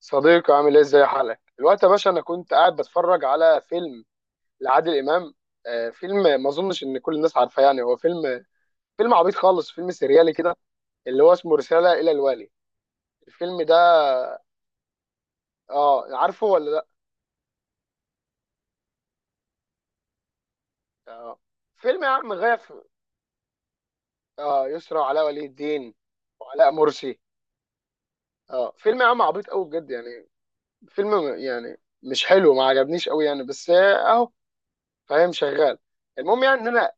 صديقي عامل ايه، ازاي حالك الوقت يا باشا؟ انا كنت قاعد بتفرج على فيلم لعادل امام. آه، فيلم ما اظنش ان كل الناس عارفاه. يعني هو فيلم عبيط خالص، فيلم سريالي كده، اللي هو اسمه رسالة الى الوالي. الفيلم ده، اه، عارفه ولا لا؟ اه، فيلم يا عم غاية في... اه، يسرا وعلاء ولي الدين وعلاء مرسي. اه، فيلم يا عم عبيط قوي بجد يعني. فيلم يعني مش حلو، ما عجبنيش قوي يعني، بس اهو. فاهم؟ شغال. المهم يعني ان انا...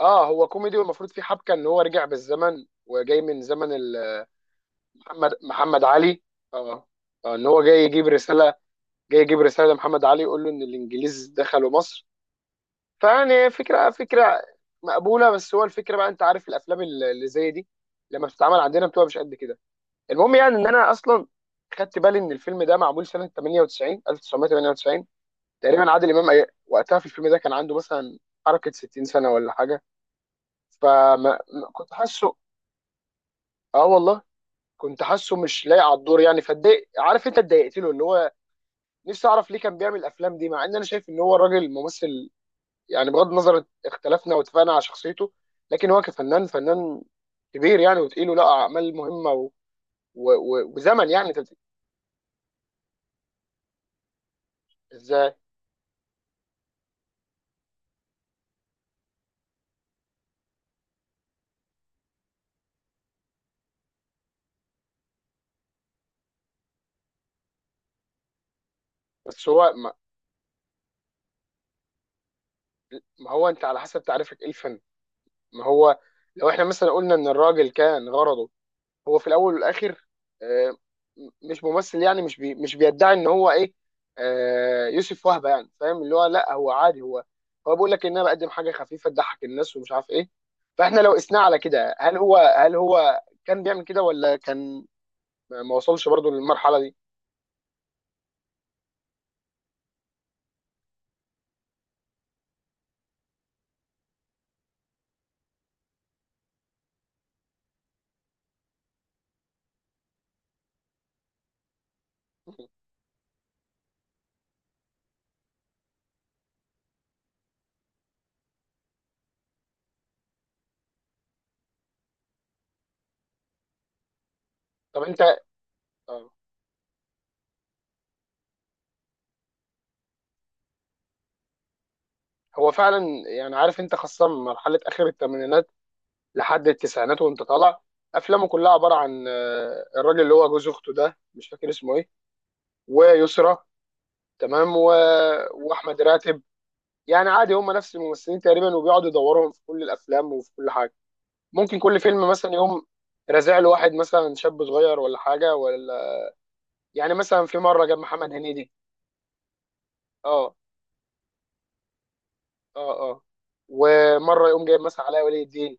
اه، هو كوميدي والمفروض في حبكه ان هو رجع بالزمن وجاي من زمن محمد علي. اه، ان هو جاي يجيب رساله، جاي يجيب رساله لمحمد علي يقول له ان الانجليز دخلوا مصر. فيعني فكره مقبوله. بس هو الفكره بقى، انت عارف الافلام اللي زي دي لما بتتعمل عندنا بتبقى مش قد كده. المهم يعني ان انا اصلا خدت بالي ان الفيلم ده معمول سنه 98 1998 تقريبا. عادل امام وقتها في الفيلم ده كان عنده مثلا حركه 60 سنه ولا حاجه. فما ما- كنت حاسه. اه والله، كنت حاسه مش لايق على الدور يعني، فاتضايق. عارف انت اتضايقت له، اللي هو نفسي اعرف ليه كان بيعمل الافلام دي، مع ان انا شايف ان هو راجل ممثل. يعني بغض النظر اختلفنا واتفقنا على شخصيته، لكن هو كفنان، فنان كبير يعني، وتقيل، ولا اعمال مهمه وزمن يعني. انت ازاي؟ بس هو ما... ما هو انت على حسب تعريفك ايه الفن. ما هو لو احنا مثلا قلنا ان الراجل كان غرضه هو في الاول والاخر، آه، مش ممثل يعني، مش مش بيدعي ان هو ايه، آه، يوسف وهبي يعني. فاهم؟ اللي هو لا، هو عادي، هو هو بيقول لك ان انا بقدم حاجه خفيفه تضحك الناس ومش عارف ايه. فاحنا لو قسناه على كده، هل هو كان بيعمل كده، ولا كان ما وصلش برضو للمرحله دي؟ طب انت، آه، هو فعلا يعني. عارف انت، خاصه من مرحله اخر الثمانينات لحد التسعينات وانت طالع، افلامه كلها عباره عن آه، الراجل اللي هو جوز اخته ده، مش فاكر اسمه ايه، ويسرى. تمام، واحمد راتب. يعني عادي، هم نفس الممثلين تقريبا، وبيقعدوا يدورهم في كل الافلام وفي كل حاجه. ممكن كل فيلم مثلا يقوم رازع له واحد مثلا شاب صغير ولا حاجه ولا. يعني مثلا في مره جاب محمد هنيدي. اه، اه، اه. ومره يقوم جايب مثلا علاء ولي الدين.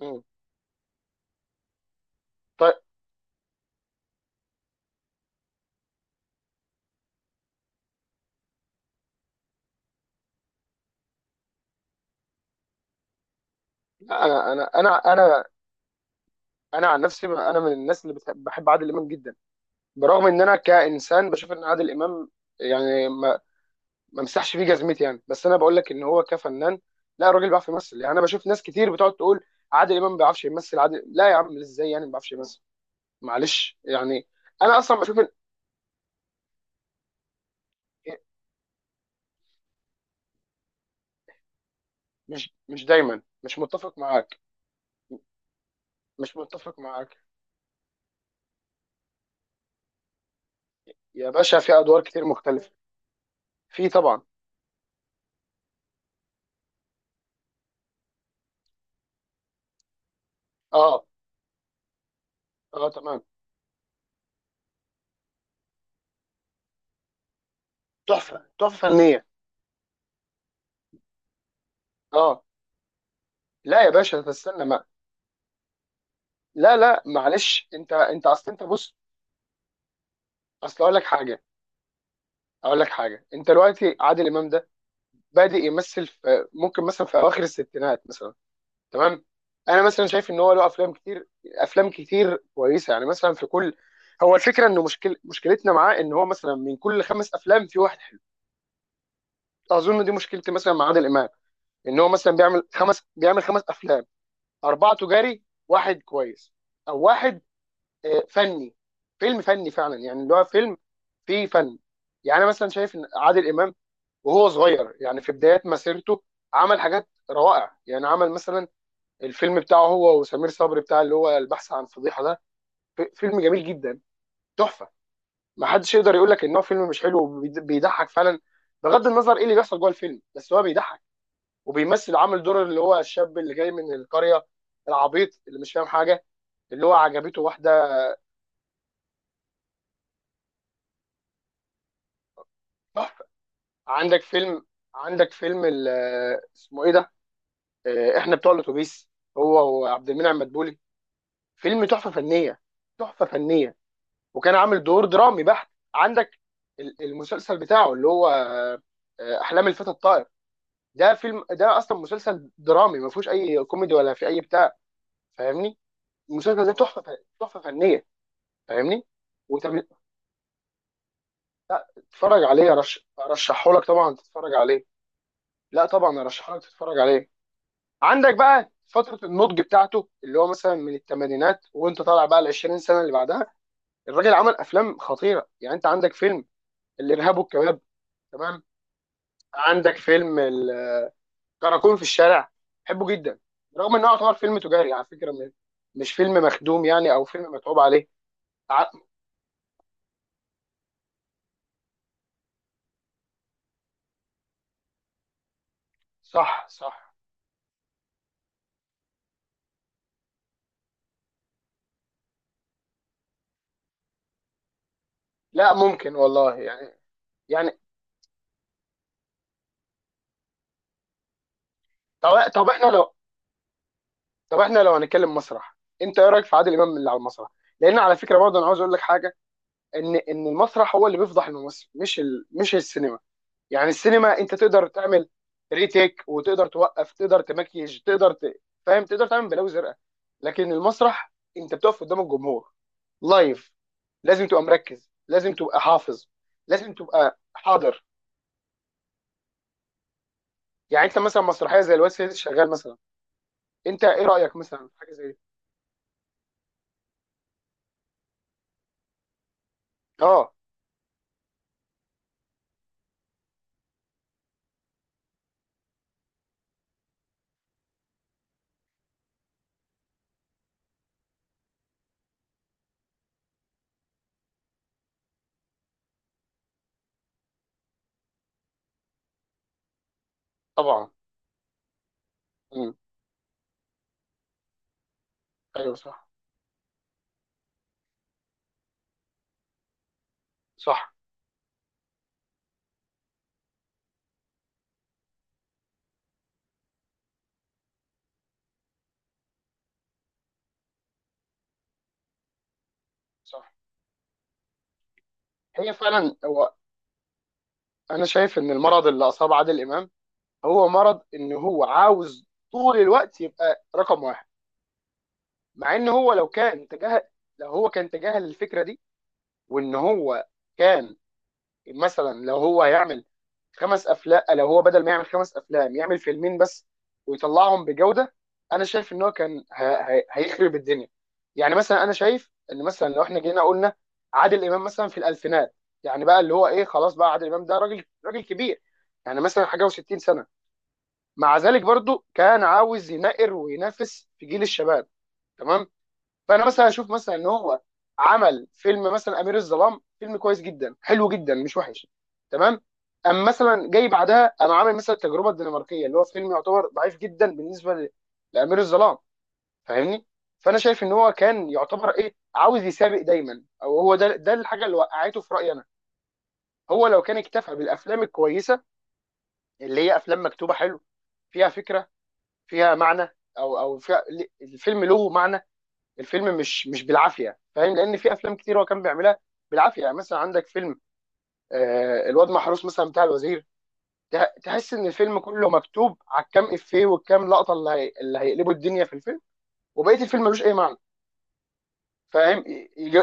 مم. طيب. لا، انا انا انا عن نفسي انا من الناس اللي بحب عادل امام جدا. برغم ان انا كانسان بشوف ان عادل امام يعني ما مسحش فيه جزمتي يعني، بس انا بقول لك ان هو كفنان، لا، الراجل بيعرف يمثل يعني. انا بشوف ناس كتير بتقعد تقول عادل امام ما بيعرفش يمثل. عادل، لا يا عم، ازاي يعني ما بيعرفش يمثل؟ معلش يعني، انا اصلا بشوف إن- إيه، مش دايما، مش متفق معاك. مش متفق معاك يا باشا، في ادوار كتير مختلفه. في طبعا. اه اه تمام. تحفه، تحفه فنيه. اه، لا يا باشا، تستنى ما. لا لا معلش، انت اصل انت بص. اصل اقول لك حاجه، انت دلوقتي عادل امام ده بادئ يمثل في، ممكن مثلا في اواخر الستينات مثلا، تمام، انا مثلا شايف ان هو له افلام كتير كويسه يعني مثلا. في كل... هو الفكره انه مشكلتنا معاه ان هو مثلا من كل خمس افلام في واحد حلو. اظن دي مشكلتي مثلا مع عادل امام، ان هو مثلا بيعمل خمس افلام، اربعه تجاري، واحد كويس او واحد آه، فني، فيلم فني فعلا يعني، اللي هو فيلم فيه فن. يعني أنا مثلا شايف ان عادل امام وهو صغير يعني في بدايات مسيرته، عمل حاجات روائع يعني. عمل مثلا الفيلم بتاعه هو وسمير صبري بتاع اللي هو البحث عن فضيحه ده، فيلم جميل جدا، تحفه. ما حدش يقدر يقول لك ان هو فيلم مش حلو. بيضحك فعلا، بغض النظر ايه اللي بيحصل جوه الفيلم، بس هو بيضحك وبيمثل. عامل دور اللي هو الشاب اللي جاي من القريه، العبيط اللي مش فاهم حاجه، اللي هو عجبته واحده. تحفه. عندك فيلم عندك فيلم اسمه ايه ده، آه، احنا بتوع الاتوبيس، هو وعبد المنعم مدبولي، فيلم تحفه فنيه، تحفه فنيه. وكان عامل دور درامي بحت. عندك المسلسل بتاعه اللي هو احلام الفتى الطائر. ده فيلم، ده اصلا مسلسل درامي ما فيهوش اي كوميدي ولا في اي بتاع. فاهمني؟ المسلسل ده تحفه، تحفه فنيه. فاهمني؟ وتتفرج عليه. ارشحه لك طبعا، تتفرج عليه. لا طبعا ارشحه لك تتفرج عليه. عندك بقى فتره النضج بتاعته، اللي هو مثلا من الثمانينات وانت طالع بقى ال 20 سنه اللي بعدها، الراجل عمل افلام خطيره يعني. انت عندك فيلم الارهاب والكباب، تمام. عندك فيلم الكراكون في الشارع، بحبه جدا. رغم انه يعتبر فيلم تجاري على فكره، مش فيلم مخدوم يعني، او فيلم متعوب عليه. ع- صح صح. لا ممكن والله يعني. يعني. طب طب احنا لو طب احنا لو هنتكلم مسرح، انت ايه رايك في عادل امام اللي على المسرح؟ لان على فكره برضه انا عاوز اقول لك حاجه، ان المسرح هو اللي بيفضح الممثل، مش السينما. يعني السينما انت تقدر تعمل ريتيك وتقدر توقف، تقدر تمكيج، تقدر فاهم، تقدر تعمل بلاوي زرقاء. لكن المسرح انت بتقف قدام الجمهور لايف، لازم تبقى مركز، لازم تبقى حافظ، لازم تبقى حاضر. يعني انت مثلا مسرحيه زي الواد سيد شغال مثلا، انت ايه رايك مثلا في حاجه زي دي؟ اه طبعا. مم. ايوه صح صح صح. هي فعلا، هو انا شايف ان المرض اللي اصاب عادل امام هو مرض ان هو عاوز طول الوقت يبقى رقم واحد. مع ان هو لو كان تجاهل، لو هو كان تجاهل الفكره دي، وان هو كان مثلا، لو هو هيعمل خمس افلام، لو هو بدل ما يعمل خمس افلام يعمل فيلمين بس ويطلعهم بجوده، انا شايف ان هو كان هيخرب الدنيا. يعني مثلا انا شايف ان مثلا لو احنا جينا قلنا عادل امام مثلا في الالفينات، يعني بقى اللي هو ايه، خلاص بقى عادل امام ده راجل، راجل كبير يعني، مثلا حاجه و60 سنه. مع ذلك برضو كان عاوز ينقر وينافس في جيل الشباب. تمام. فانا مثلا اشوف مثلا ان هو عمل فيلم مثلا امير الظلام، فيلم كويس جدا، حلو جدا مش وحش، تمام. اما مثلا جاي بعدها انا عامل مثلا التجربه الدنماركيه، اللي هو فيلم يعتبر ضعيف جدا بالنسبه لامير الظلام. فاهمني؟ فانا شايف ان هو كان يعتبر ايه، عاوز يسابق دايما، او هو ده ده الحاجه اللي وقعته في رايي انا. هو لو كان اكتفى بالافلام الكويسه، اللي هي افلام مكتوبه حلو، فيها فكره، فيها معنى، او فيها... الفيلم له معنى، الفيلم مش بالعافيه. فاهم؟ لان في افلام كتير هو كان بيعملها بالعافيه. يعني مثلا عندك فيلم آه الواد محروس مثلا بتاع الوزير، تحس ان الفيلم كله مكتوب على الكام افيه والكام لقطه، اللي هي... اللي هيقلبوا الدنيا في الفيلم. وبقيه الفيلم ملوش اي معنى. فاهم؟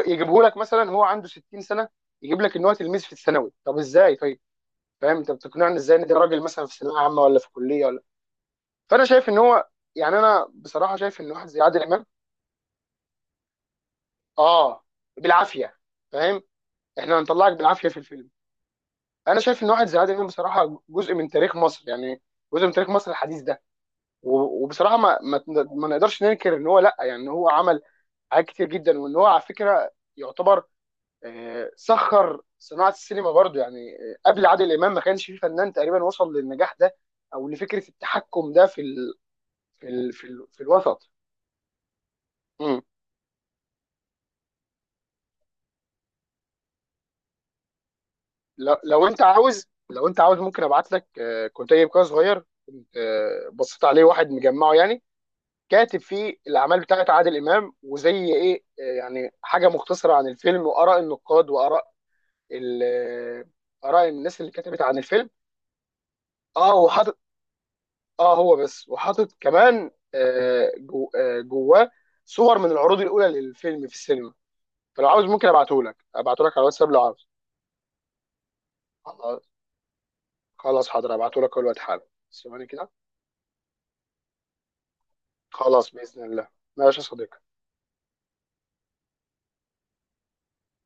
يجيبه لك مثلا هو عنده 60 سنه، يجيب لك ان هو تلميذ في الثانوي. طب ازاي طيب؟ فاهم؟ انت بتقنعني ازاي ان ده راجل مثلا في ثانويه عامه ولا في كليه ولا. فانا شايف ان هو يعني، انا بصراحه شايف ان واحد زي عادل امام، اه، بالعافيه. فاهم؟ احنا هنطلعك بالعافيه في الفيلم. انا شايف ان واحد زي عادل امام بصراحه جزء من تاريخ مصر يعني، جزء من تاريخ مصر الحديث ده. وبصراحه ما نقدرش ننكر ان هو، لا يعني، إن هو عمل حاجات كتير جدا، وان هو على فكره يعتبر آه، سخر صناعه السينما برضو يعني. آه، قبل عادل امام ما كانش في فنان تقريبا وصل للنجاح ده او لفكره التحكم ده في الوسط. مم. لو انت عاوز، لو انت عاوز ممكن ابعت لك آه، كنت جايب كده صغير، كنت آه، بصيت عليه، واحد مجمعه يعني، كاتب فيه الاعمال بتاعت عادل امام وزي ايه آه، يعني حاجه مختصره عن الفيلم واراء النقاد واراء ال- آه، اراء الناس اللي كتبت عن الفيلم. اه وحاطط، اه هو بس وحاطط كمان آه، جواه صور من العروض الاولى للفيلم في السينما. فلو عاوز ممكن ابعته لك، ابعته لك على الواتساب لو عاوز. خلاص، خلاص حاضر ابعته لك دلوقتي حالا. ثواني كده. خلاص باذن الله. ماشي يا صديقي.